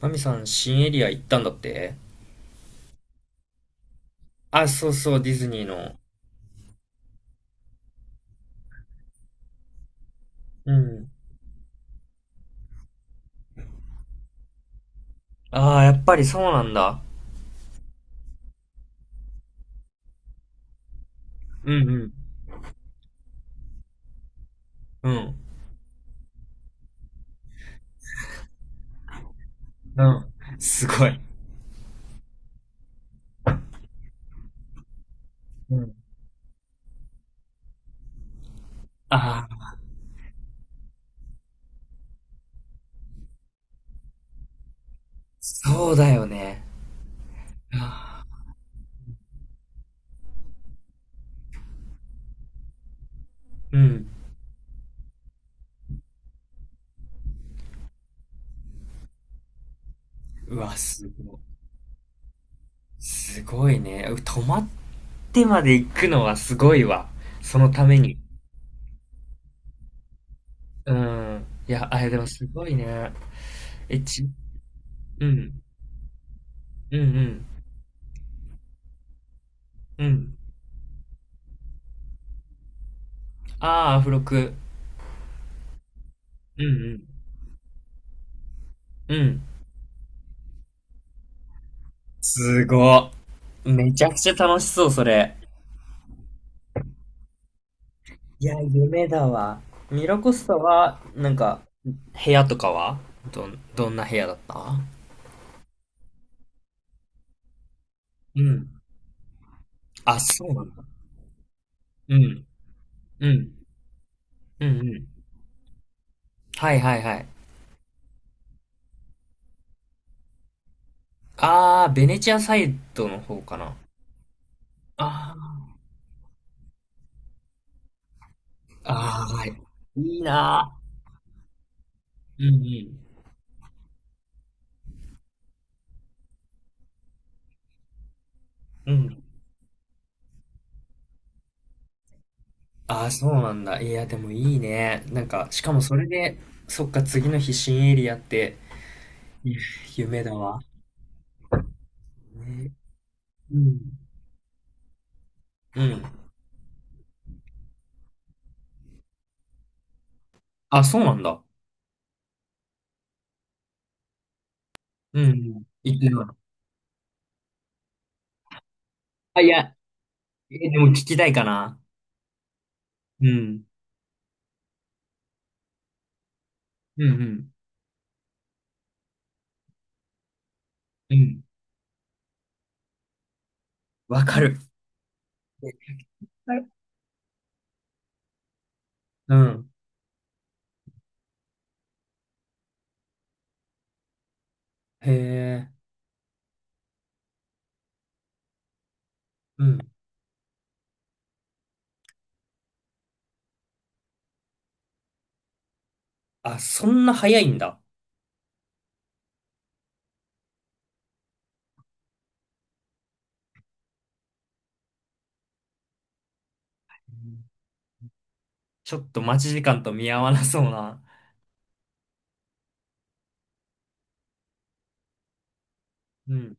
マミさん、新エリア行ったんだって。あ、そうそう、ディズニーの。うん。ああ、やっぱりそうなんだ。うんうん。うん。うん。すごい。うん。ああ、そうだよね。ああ、うん。うわ、すごい。すごいね。泊まってまで行くのはすごいわ。そのために。うん。いや、あれでもすごいね。え、ち、うん。うんうん。うん。ああ、アフロク。うんうん。うん。すごっ。めちゃくちゃ楽しそう、それ。いや、夢だわ。ミラコスタは、なんか、部屋とかはどんな部屋だった？うん。あ、そうなんだ。うん。うん。うんうん。はいはいはい。あー、ベネチアサイドの方かな。あー、あー、はい。いいなー。うんうん。うん。あー、そうなんだ。いや、でもいいね。なんか、しかもそれで、そっか、次の日新エリアって、ゆ夢だわ。ね。うん。うん。あ、そうなんだ。うん。言ってない。あ、いや、でも聞きたいかな。うん。うんうん。うん。わかる。はい。うん。へえ。うん。あ、そんな早いんだ。うん。ちょっと待ち時間と見合わなそうな。うん。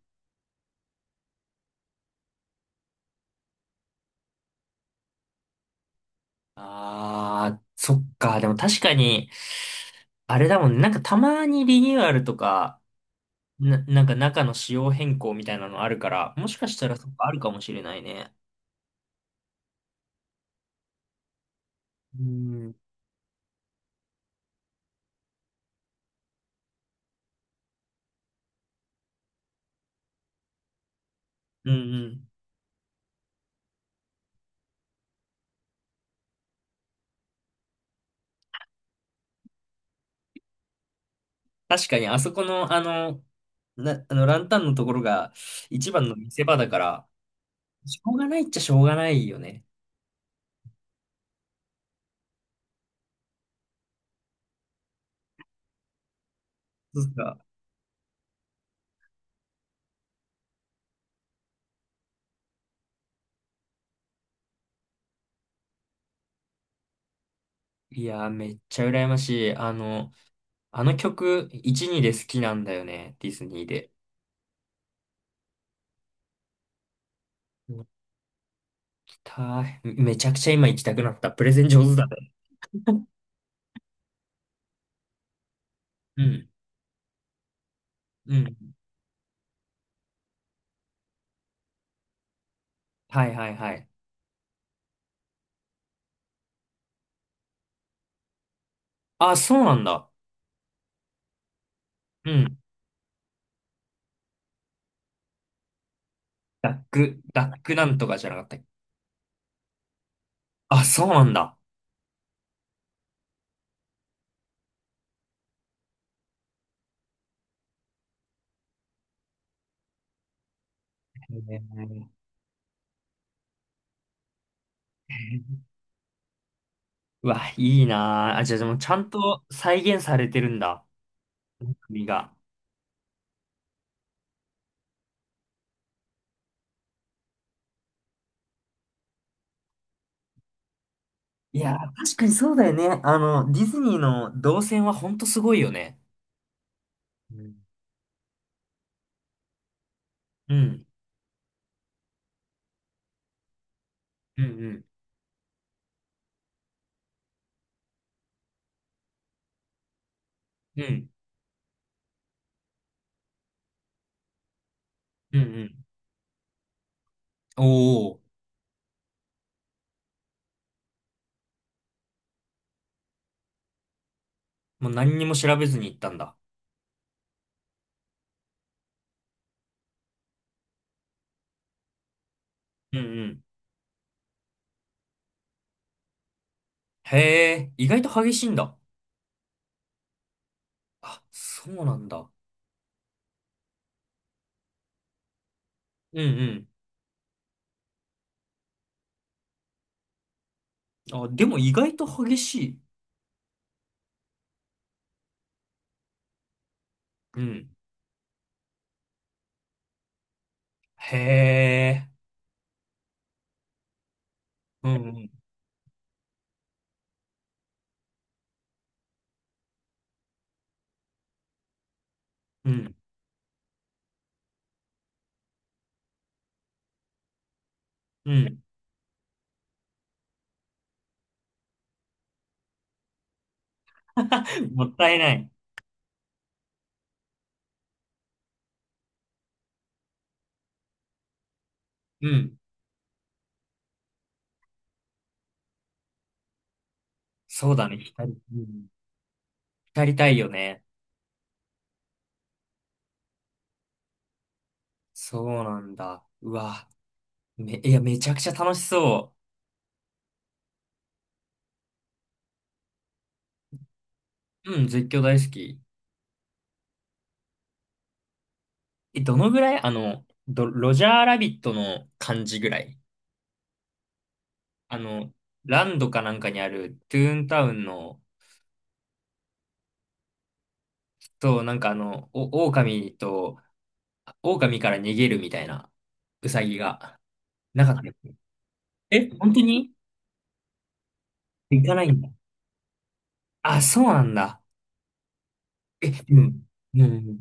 ああ、そっか。でも確かに、あれだもんね。なんかたまにリニューアルとか、なんか中の仕様変更みたいなのあるから、もしかしたらそっかあるかもしれないね。うん。うんうん。確かに、あそこの、あの、ランタンのところが一番の見せ場だから、しょうがないっちゃしょうがないよね。そうか。いやー、めっちゃ羨ましい。あの、あの曲、1、2で好きなんだよね、ディズニーで。行きたい。めちゃくちゃ今行きたくなった。プレゼン上手だね。うん。うん。はいはいはい。あ、そうなんだ。うん。ダック、ダックなんとかじゃなかったっけ。あ、そうなんだ。へー。うわ、いいなあ。あ、じゃあ、でもちゃんと再現されてるんだ。国が。いやー、確かにそうだよね。あの、ディズニーの動線はほんとすごいよね。うん。うん、うん、うん、うん、うん、おおー、もう何にも調べずに行ったんだ。うん、うん。へえ、意外と激しいんだ。あ、そうなんだ。うん、うん。あ、でも意外と激しい。うん。へえ、うん、うん、うん、うん。もったいない。うん。そうだね、光。うん。やりたいよね。そうなんだ。うわ。め、いや、めちゃくちゃ楽しそう。うん、絶叫大好き。え、どのぐらいロジャーラビットの感じぐらい。あの、ランドかなんかにあるトゥーンタウンの、そう、なんかあの、狼と、狼から逃げるみたいな、ウサギが、なかったっけ？え、本当に？行かないんだ。あ、そうなんだ。え、うん。うん。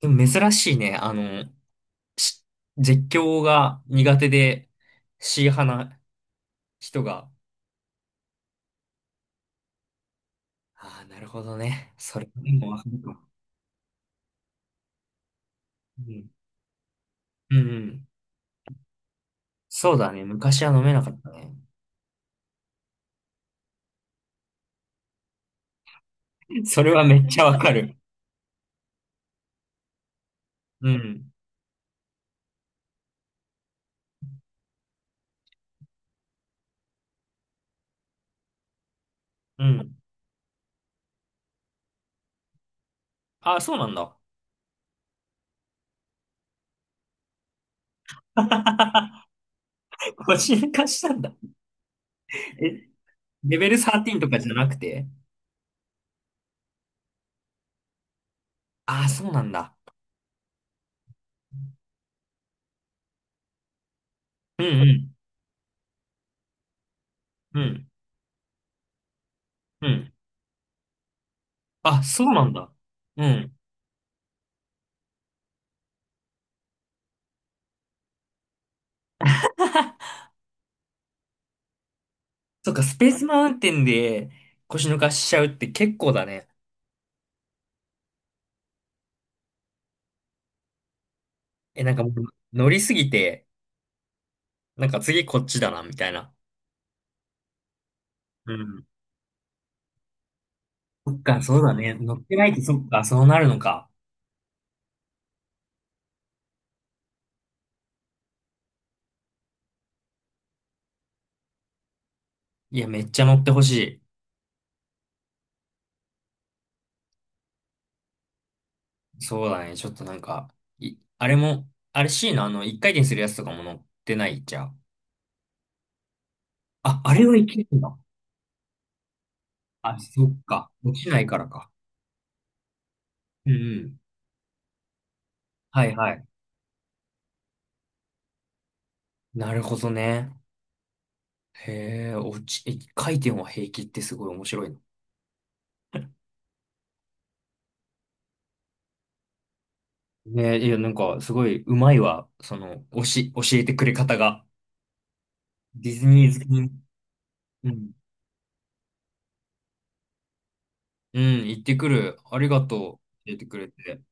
でも珍しいね。あの、し絶叫が苦手で C 派な人が、ああ、なるほどね。それでもわかるかも。うん。うんうん。そうだね。昔は飲めなかったね。それはめっちゃわかる。うん。うん。ああ、そうなんだ。腰抜かしたんだ。え、レベル13とかじゃなくて？ああ、そうなんだ。うんうん。うん。うん。あ、そうなんだ。うん。そっか、スペースマウンテンで腰抜かしちゃうって結構だね。え、なんかもう乗りすぎて、なんか次こっちだな、みたいな。うん。そっか、そうだね。乗ってないと、そっか、そうなるのか。いや、めっちゃ乗ってほしい。そうだね。ちょっとなんか、あれも、あれ C のあの、一回転するやつとかも乗ってないじゃん。あ、あれはいけるんだ。あ、そっか。落ちないからか。うんうん。はいはい。なるほどね。へえ、一回転は平気ってすごい面白いの。ね、いや、なんか、すごい、うまいわ。その、教えてくれ方が。ディズニー好きに、うん、うん、行ってくる。ありがとう。教えてくれて。